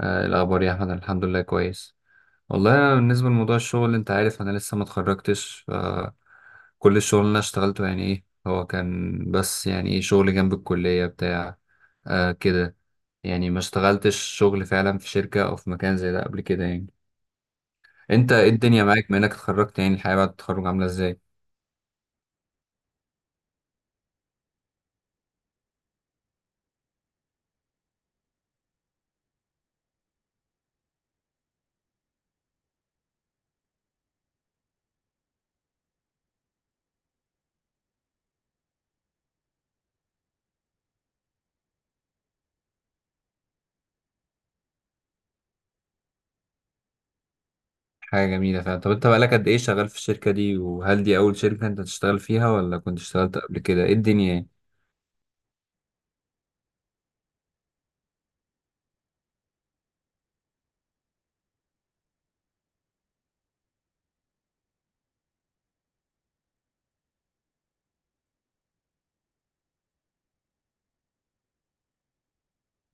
إيه الأخبار يا أحمد؟ الحمد لله كويس. والله أنا بالنسبة لموضوع الشغل أنت عارف أنا لسه ما اتخرجتش كل الشغل اللي أنا اشتغلته يعني إيه هو كان بس يعني إيه شغل جنب الكلية بتاع آه كده. يعني ما اشتغلتش شغل فعلا في شركة أو في مكان زي ده قبل كده يعني. أنت إيه الدنيا معاك بما إنك اتخرجت؟ يعني الحياة بعد التخرج عاملة إزاي؟ حاجة جميلة فعلا. طب أنت بقالك قد إيه شغال في الشركة دي، وهل دي أول شركة أنت تشتغل فيها ولا كنت اشتغلت قبل كده؟ إيه الدنيا يعني؟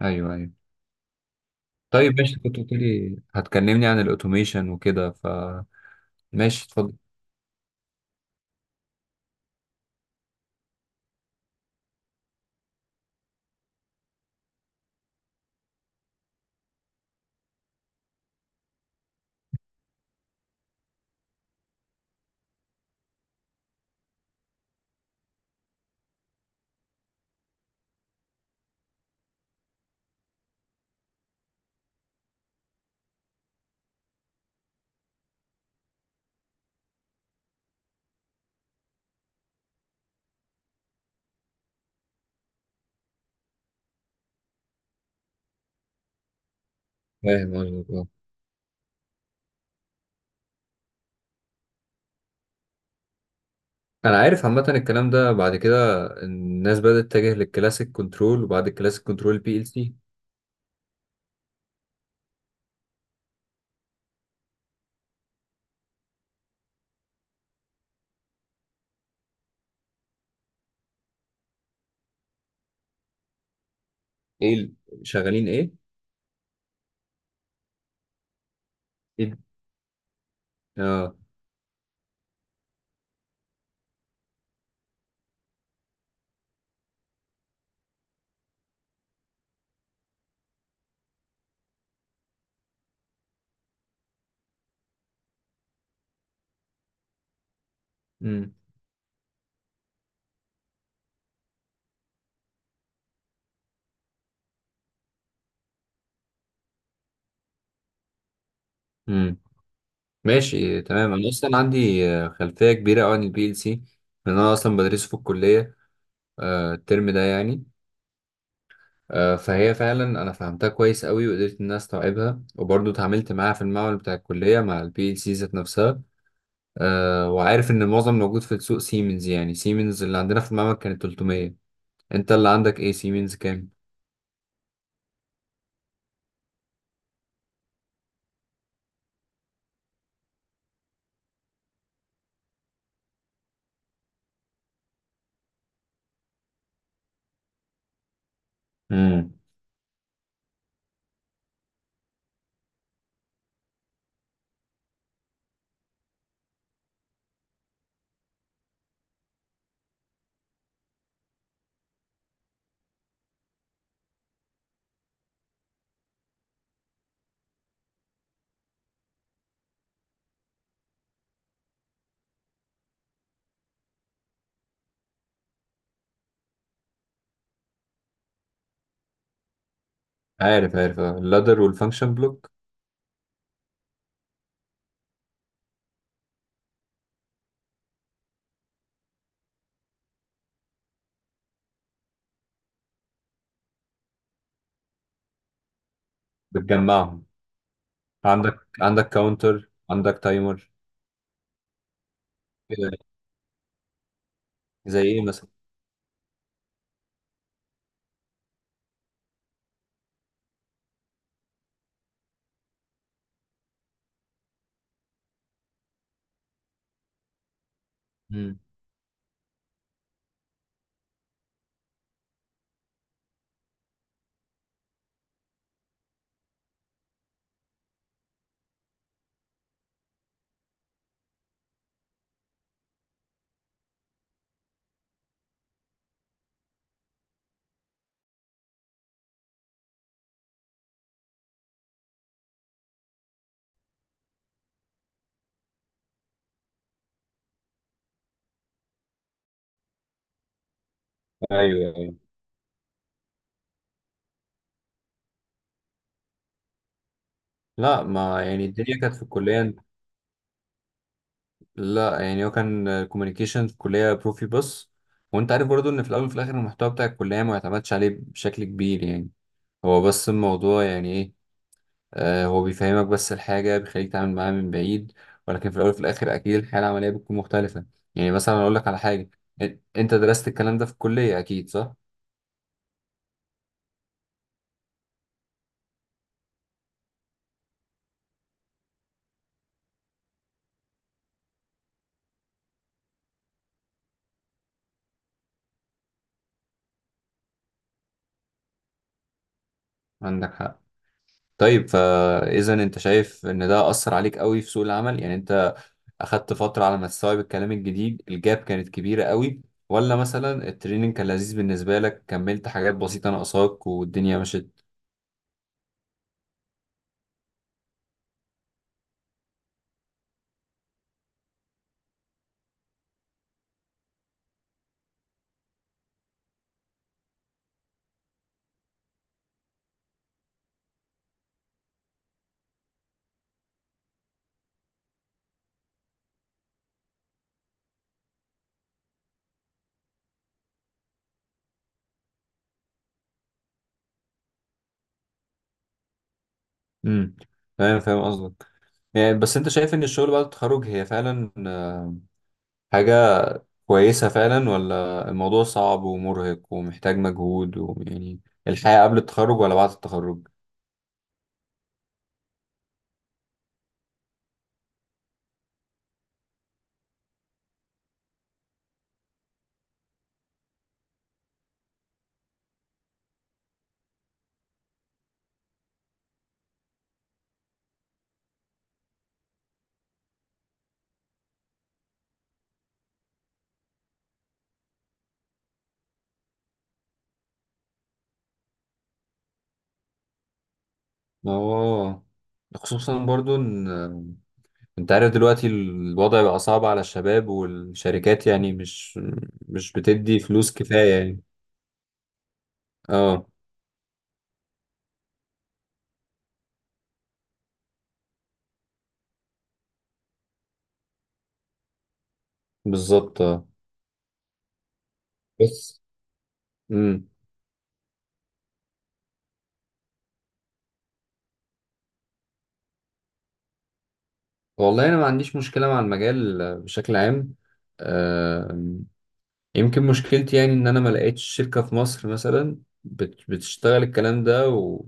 أيوه، أيوه. طيب ماشي، كنت بتقولي هتكلمني عن الاوتوميشن وكده، فماشي، اتفضل. فاهم قصدك، اه، انا عارف عامه الكلام ده. بعد كده الناس بدات تتجه للكلاسيك كنترول، وبعد الكلاسيك كنترول بي ال سي. ايه ال- شغالين ايه؟ ايه ال- اه. امم امم ماشي تمام. انا اصلا عندي خلفيه كبيره أوي عن البي ال سي، لان انا اصلا بدرسه في الكليه الترم ده يعني. فهي فعلا انا فهمتها كويس قوي وقدرت ان انا استوعبها، وبرضه اتعاملت معاها في المعمل بتاع الكليه مع البي ال سي ذات نفسها. وعارف ان المعظم موجود في السوق سيمنز، يعني سيمنز اللي عندنا في المعمل كانت 300. انت اللي عندك ايه؟ سيمنز كام؟ امم. عارف، عارف، اللادر والفانكشن بلوك. بتجمعهم. عندك كاونتر، عندك تايمر كده. زي ايه مثلا؟ امم. ايوه، ايوه. لا، ما يعني الدنيا كانت في الكليه. لا يعني هو كان كوميونيكيشن في الكلية بروفي بس، وانت عارف برضو ان في الاول وفي الاخر المحتوى بتاع الكلية ما يعتمدش عليه بشكل كبير يعني. هو بس الموضوع يعني ايه، هو بيفهمك بس الحاجة، بيخليك تعمل معاها من بعيد، ولكن في الاول وفي الاخر اكيد الحياة العملية بتكون مختلفة. يعني مثلا اقول لك على حاجة، انت درست الكلام ده في الكلية اكيد، صح؟ عندك حق. طيب فاذا انت شايف ان ده اثر عليك قوي في سوق العمل؟ يعني انت اخدت فتره على ما تستوعب الكلام الجديد، الجاب كانت كبيره قوي، ولا مثلا التريننج كان لذيذ بالنسبه لك، كملت حاجات بسيطه ناقصاك والدنيا مشت؟ امم. فاهم، فاهم قصدك. يعني بس انت شايف ان الشغل بعد التخرج هي فعلا حاجه كويسه فعلا، ولا الموضوع صعب ومرهق ومحتاج مجهود ويعني الحياه قبل التخرج ولا بعد التخرج؟ اه. خصوصا برضو ان انت عارف دلوقتي الوضع بقى صعب على الشباب، والشركات يعني مش بتدي فلوس كفاية يعني. اه، بالظبط، اه. بس. امم. والله انا ما عنديش مشكلة مع المجال بشكل عام، آه. يمكن مشكلتي يعني ان انا ما لقيتش شركة في مصر مثلا بتشتغل الكلام ده، و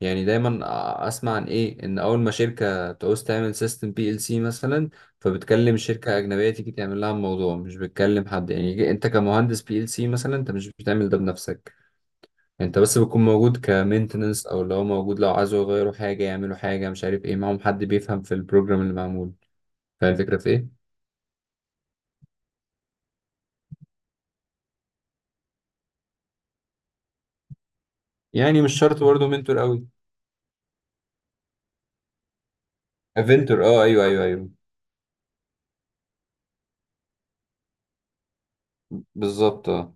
يعني دايما اسمع عن ايه ان اول ما شركة تعوز تعمل سيستم بي ال سي مثلا، فبتكلم شركة اجنبية تيجي تعمل لها الموضوع، مش بتكلم حد. يعني انت كمهندس بي ال سي مثلا انت مش بتعمل ده بنفسك، انت بس بتكون موجود كمينتنس، او لو موجود لو عايزوا يغيروا حاجة يعملوا حاجة مش عارف ايه، معاهم حد بيفهم في البروجرام اللي معمول. فاهم الفكرة في ايه؟ يعني مش شرط برضه منتور قوي. افنتور، اه، ايوه، ايوه، ايوه. بالظبط، اه.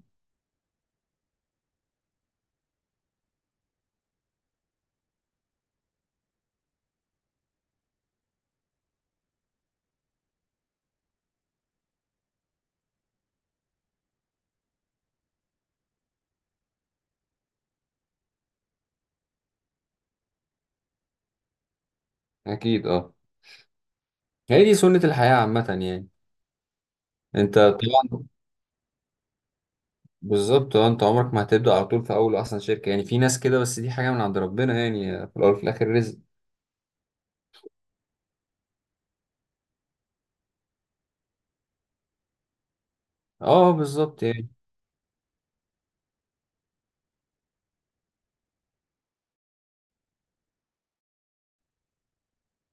اكيد، اه. هي دي سنة الحياة عامة يعني. انت طبعا. بالظبط، اه، انت عمرك ما هتبدأ على طول في اول اصلا شركة، يعني في ناس كده بس دي حاجة من عند ربنا، يعني في الاول وفي الاخر رزق. اه، بالظبط يعني.